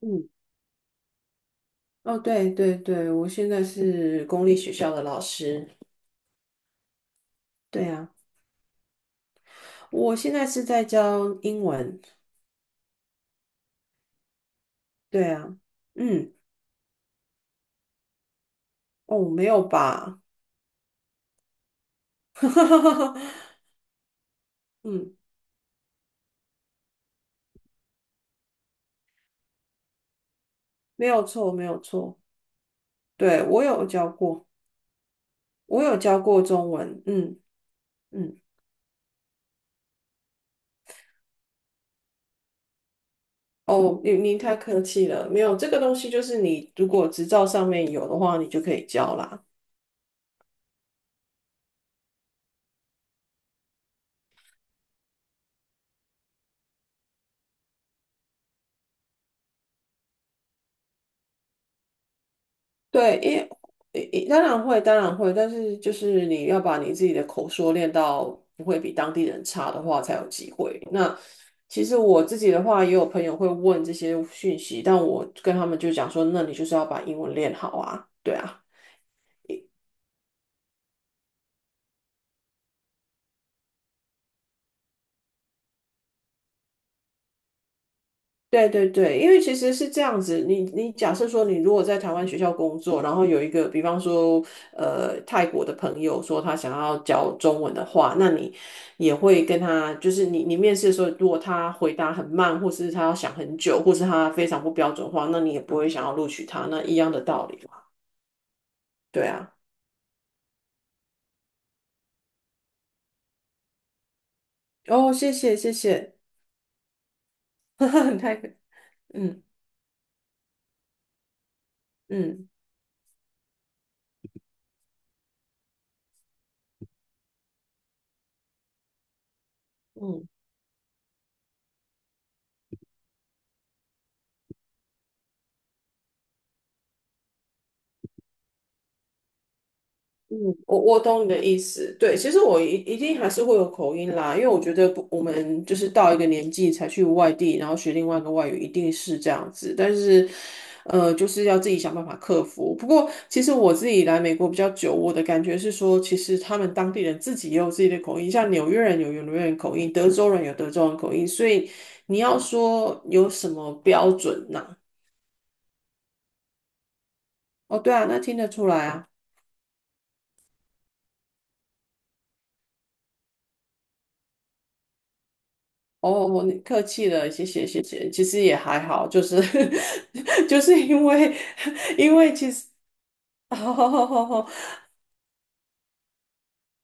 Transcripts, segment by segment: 嗯，哦，对对对，我现在是公立学校的老师。对啊，我现在是在教英文。对啊，嗯，哦，没有吧？嗯，没有错，没有错。对，我有教过中文。嗯嗯，哦，您太客气了，没有这个东西，就是你如果执照上面有的话，你就可以教啦。对，当然会，当然会，但是就是你要把你自己的口说练到不会比当地人差的话，才有机会。那其实我自己的话，也有朋友会问这些讯息，但我跟他们就讲说，那你就是要把英文练好啊，对啊。对对对，因为其实是这样子，你假设说你如果在台湾学校工作，然后有一个比方说泰国的朋友说他想要教中文的话，那你也会跟他，就是你面试的时候，如果他回答很慢，或是他要想很久，或是他非常不标准化，那你也不会想要录取他，那一样的道理嘛。对啊，哦，谢谢谢谢，太嗯嗯嗯。嗯，我懂你的意思。对，其实我一定还是会有口音啦，因为我觉得不，我们就是到一个年纪才去外地，然后学另外一个外语，一定是这样子。但是，就是要自己想办法克服。不过，其实我自己来美国比较久，我的感觉是说，其实他们当地人自己也有自己的口音，像纽约人有纽约人口音，德州人有德州人口音，所以你要说有什么标准呢、哦，对啊，那听得出来啊。哦，我客气了，谢谢谢谢。其实也还好，就是 就是因为 因为其实 哦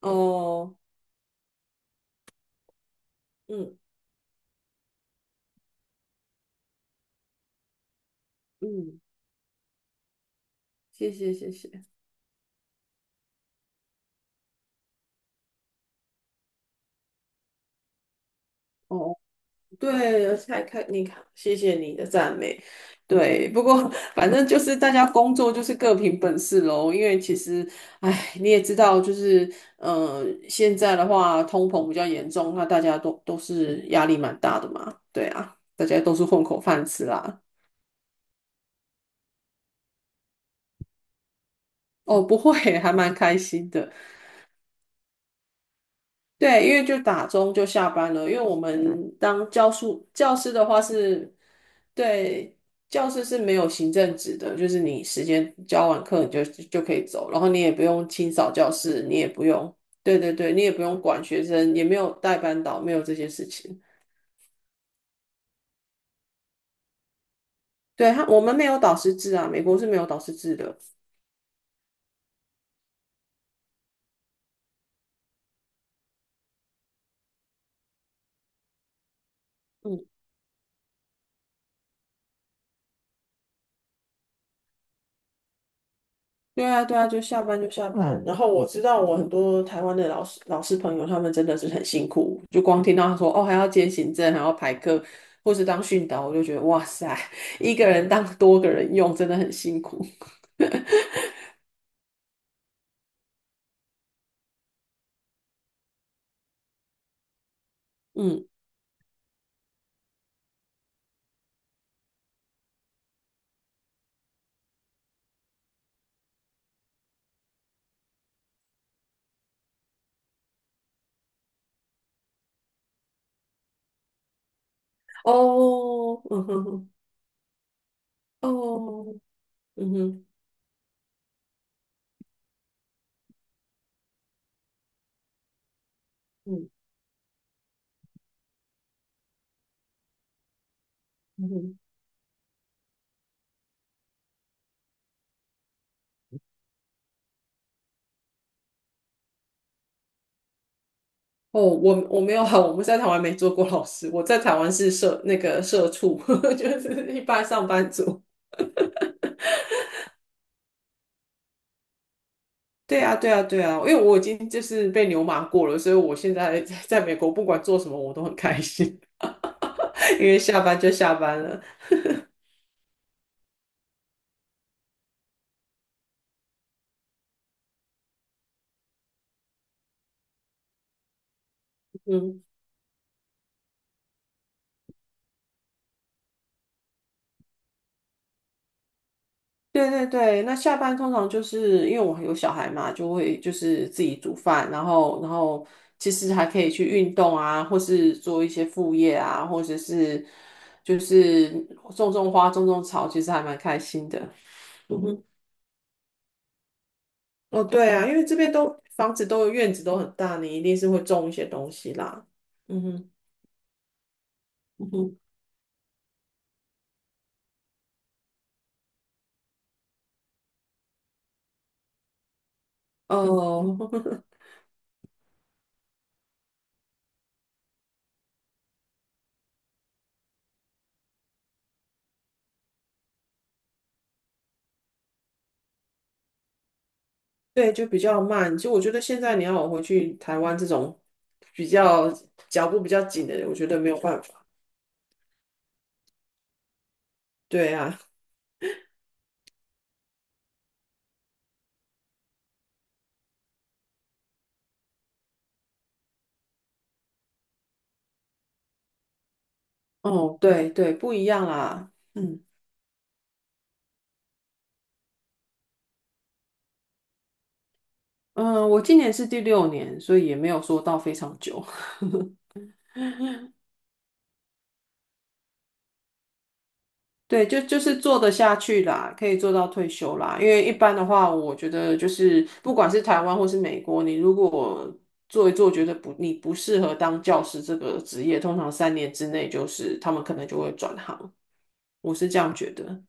哦嗯嗯，谢谢谢谢。哦，对，才看你看，谢谢你的赞美。对，不过反正就是大家工作就是各凭本事喽。因为其实，哎，你也知道，就是现在的话通膨比较严重，那大家都是压力蛮大的嘛。对啊，大家都是混口饭吃啦。哦，不会，还蛮开心的。对，因为就打钟就下班了，因为我们当教师的话是，对，教师是没有行政职的，就是你时间教完课你就可以走，然后你也不用清扫教室，你也不用，对对对，你也不用管学生，也没有带班导，没有这些事情。对，我们没有导师制啊，美国是没有导师制的。嗯。对啊，对啊，就下班就下班。嗯然后我知道我很多台湾的老师朋友，他们真的是很辛苦。就光听到他说哦，还要兼行政，还要排课，或是当训导，我就觉得哇塞，一个人当多个人用，真的很辛苦。嗯，哦，嗯哼哼，哦，嗯哼，嗯嗯哼。哦，我没有啊，我们在台湾没做过老师，我在台湾是社那个社畜，就是一般上班族。对啊，对啊，对啊，因为我已经就是被牛马过了，所以我现在 在美国不管做什么我都很开心，因为下班就下班了。嗯，对对对，那下班通常就是因为我有小孩嘛，就会就是自己煮饭，然后其实还可以去运动啊，或是做一些副业啊，或者是就是种种花、种种草，其实还蛮开心的。嗯哼，哦，对啊，因为这边都房子都有院子都很大，你一定是会种一些东西啦。嗯哼。嗯哦，对，就比较慢。其实我觉得现在你要我回去台湾这种比较脚步比较紧的人，我觉得没有办法。对啊，哦，对对，不一样啦。嗯嗯，我今年是第六年，所以也没有说到非常久。对，就是做得下去啦，可以做到退休啦。因为一般的话，我觉得就是不管是台湾或是美国，你如果做一做，觉得不你不适合当教师这个职业，通常3年之内就是他们可能就会转行。我是这样觉得。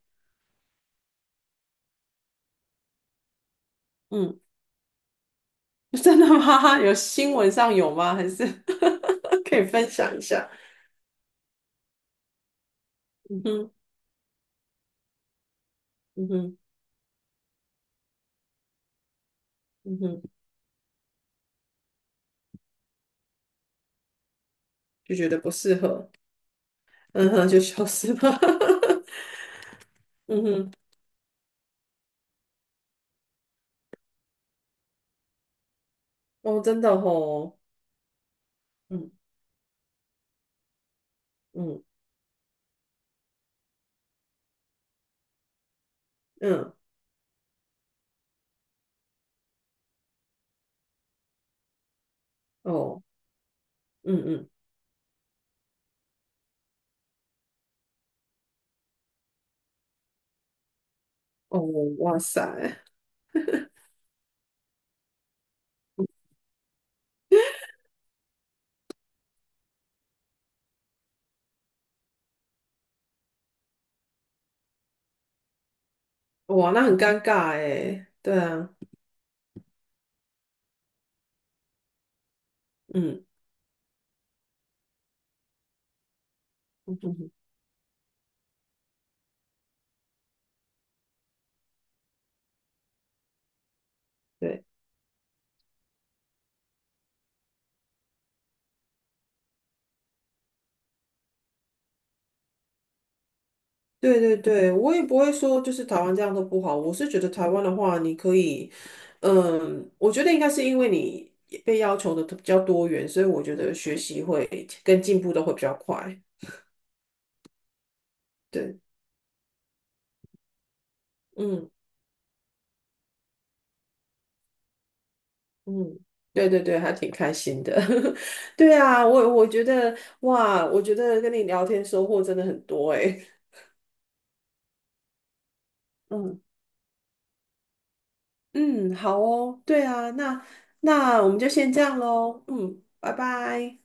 嗯，真的吗？有新闻上有吗？还是 可以分享一下？嗯哼，嗯哼，嗯哼，就觉得不适合，嗯哼，就消失吧。嗯哼，哦，真的哦，嗯嗯嗯，哦，嗯嗯，哦，哇塞，哇，那很尴尬哎。对啊，嗯嗯，对。对对对，我也不会说就是台湾这样都不好，我是觉得台湾的话，你可以，嗯，我觉得应该是因为你被要求的比较多元，所以我觉得学习会跟进步都会比较快。对，嗯嗯，对对对，还挺开心的。对啊，我觉得哇，我觉得跟你聊天收获真的很多诶。嗯嗯，好哦，对啊，那我们就先这样喽。嗯，拜拜。